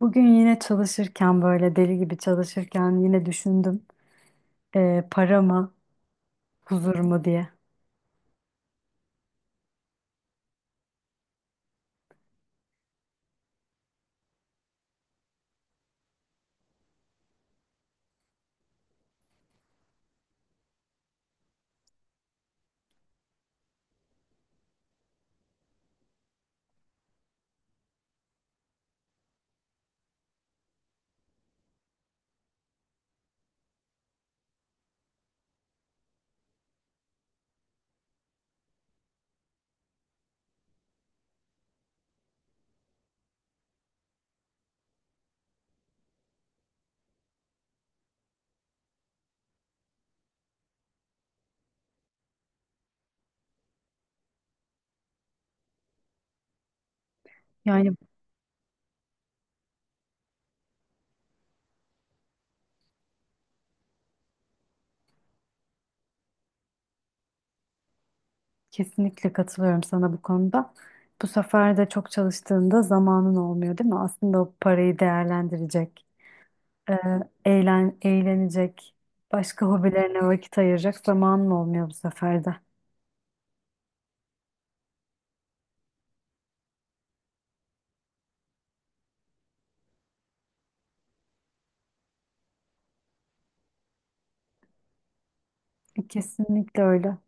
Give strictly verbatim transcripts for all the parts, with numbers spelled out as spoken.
Bugün yine çalışırken böyle deli gibi çalışırken yine düşündüm eee para mı huzur mu diye. Yani kesinlikle katılıyorum sana bu konuda. Bu sefer de çok çalıştığında zamanın olmuyor değil mi? Aslında o parayı değerlendirecek, eee, eğlen, eğlenecek, başka hobilerine vakit ayıracak zamanın olmuyor bu sefer de. E, kesinlikle öyle.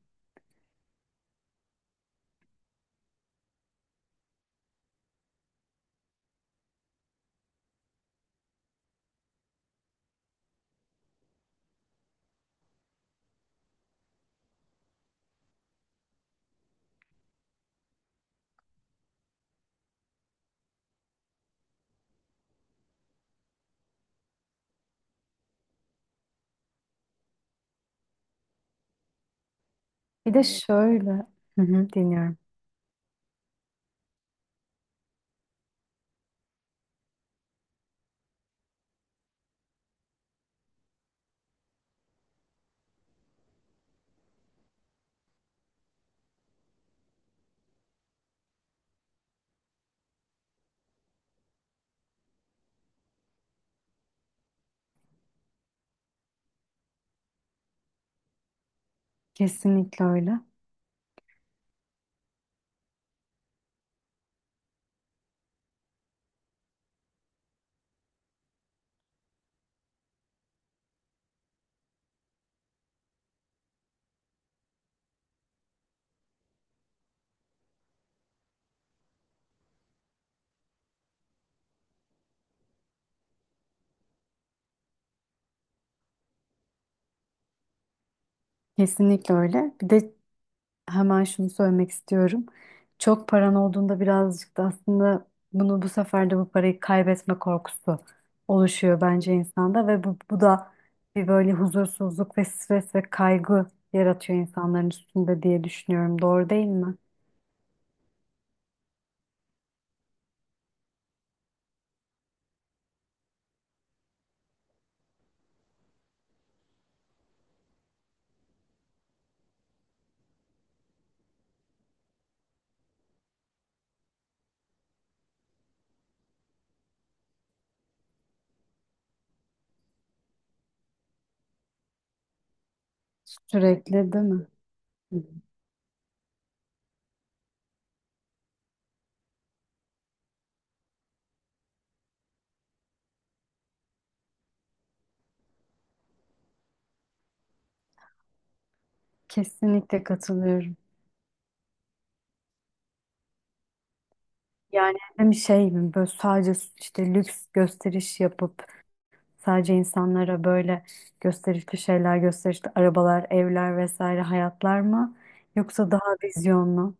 Bir de şöyle, hı hı, dinliyorum. Kesinlikle öyle. Kesinlikle öyle. Bir de hemen şunu söylemek istiyorum. Çok paran olduğunda birazcık da aslında bunu bu sefer de bu parayı kaybetme korkusu oluşuyor bence insanda ve bu, bu da bir böyle huzursuzluk ve stres ve kaygı yaratıyor insanların üstünde diye düşünüyorum. Doğru değil mi? Sürekli değil mi? Hı hı. Kesinlikle katılıyorum. Yani hem şey mi böyle sadece işte lüks gösteriş yapıp sadece insanlara böyle gösterişli şeyler, gösterişli arabalar, evler vesaire hayatlar mı? Yoksa daha vizyonlu,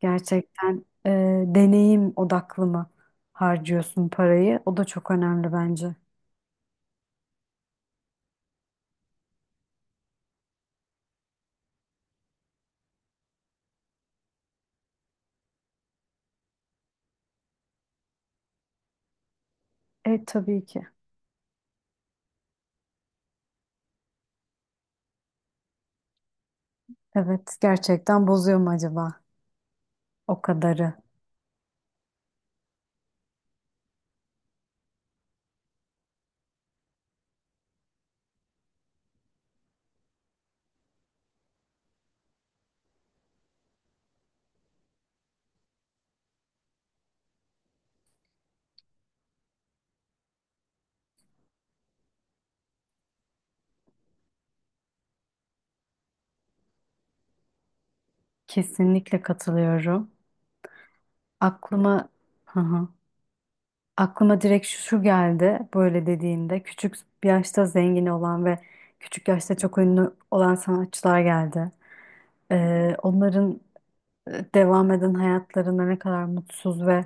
gerçekten e, deneyim odaklı mı harcıyorsun parayı? O da çok önemli bence. E tabii ki. Evet, gerçekten bozuyor mu acaba o kadarı? Kesinlikle katılıyorum. Aklıma hı hı. Aklıma direkt şu, şu geldi böyle dediğinde küçük yaşta zengin olan ve küçük yaşta çok ünlü olan sanatçılar geldi. Ee, onların e, devam eden hayatlarında ne kadar mutsuz ve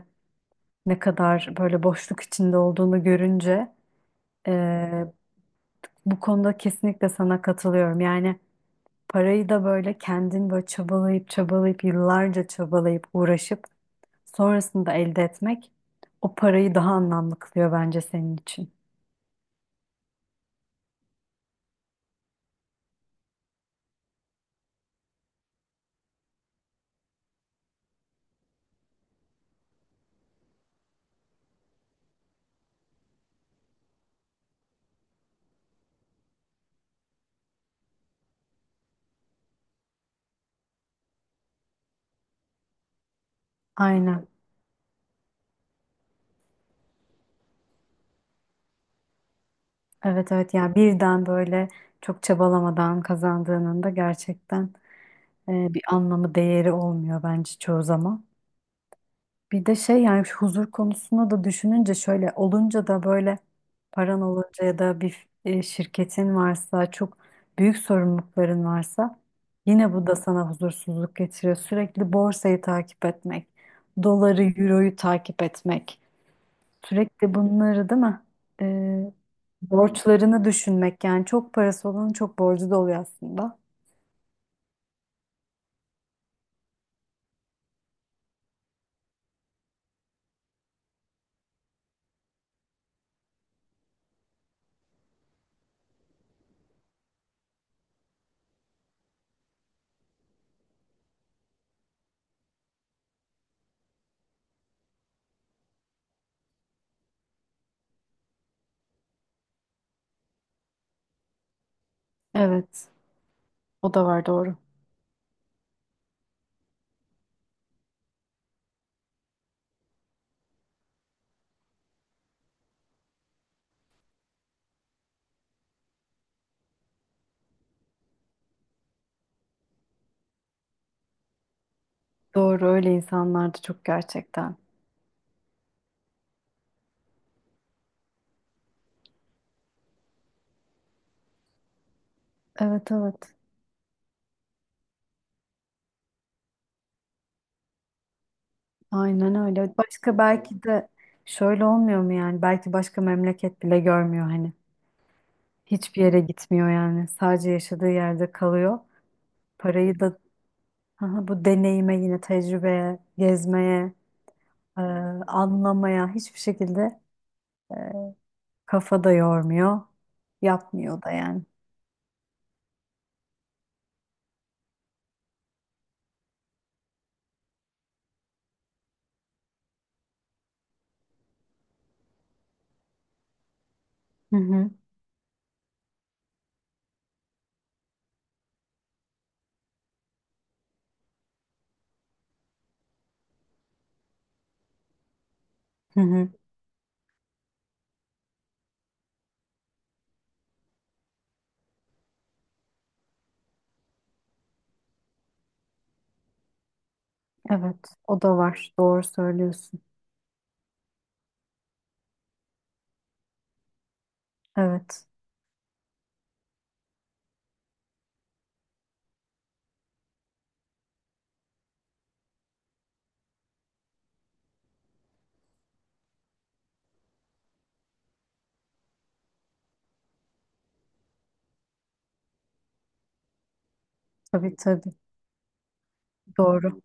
ne kadar böyle boşluk içinde olduğunu görünce e, bu konuda kesinlikle sana katılıyorum. Yani parayı da böyle kendin böyle çabalayıp çabalayıp yıllarca çabalayıp uğraşıp sonrasında elde etmek o parayı daha anlamlı kılıyor bence senin için. Aynen. Evet, evet, yani birden böyle çok çabalamadan kazandığının da gerçekten e, bir anlamı değeri olmuyor bence çoğu zaman. Bir de şey yani şu huzur konusunu da düşününce şöyle olunca da böyle paran olunca ya da bir e, şirketin varsa çok büyük sorumlulukların varsa yine bu da sana huzursuzluk getiriyor. Sürekli borsayı takip etmek, doları, euroyu takip etmek, sürekli bunları değil mi? E, borçlarını düşünmek yani çok parası olanın çok borcu da oluyor aslında. Evet, o da var, doğru. Doğru, öyle insanlardı çok gerçekten. Evet, evet. Aynen öyle. Başka belki de şöyle olmuyor mu yani? Belki başka memleket bile görmüyor hani. Hiçbir yere gitmiyor yani. Sadece yaşadığı yerde kalıyor. Parayı da aha, bu deneyime yine tecrübeye, gezmeye, e, anlamaya hiçbir şekilde kafa da yormuyor. Yapmıyor da yani. Hı hı, hı hı. Evet, o da var. Doğru söylüyorsun. Evet. Tabii, tabii. Doğru.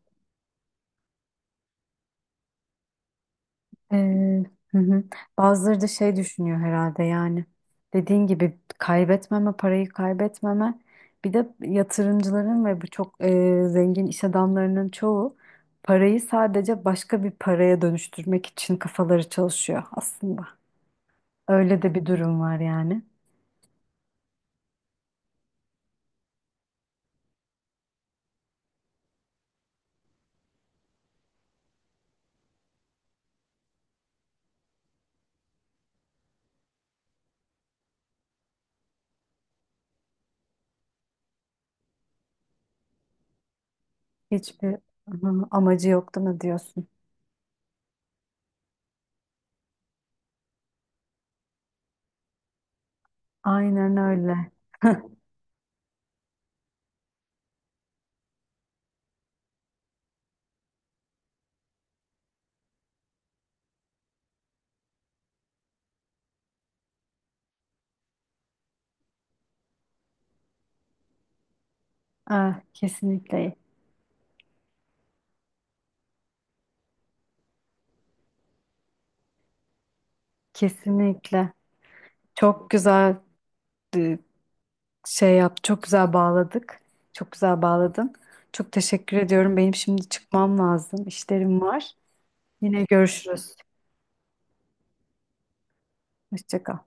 Ee, hı hı. Bazıları da şey düşünüyor herhalde yani dediğin gibi kaybetmeme parayı kaybetmeme bir de yatırımcıların ve bu çok e, zengin iş adamlarının çoğu parayı sadece başka bir paraya dönüştürmek için kafaları çalışıyor aslında. Öyle de bir durum var yani. Hiçbir hı, amacı yok değil mi diyorsun? Aynen öyle. Ah, kesinlikle. Kesinlikle. Çok güzel şey yap, çok güzel bağladık. Çok güzel bağladın. Çok teşekkür ediyorum. Benim şimdi çıkmam lazım. İşlerim var. Yine görüşürüz. Hoşça kal.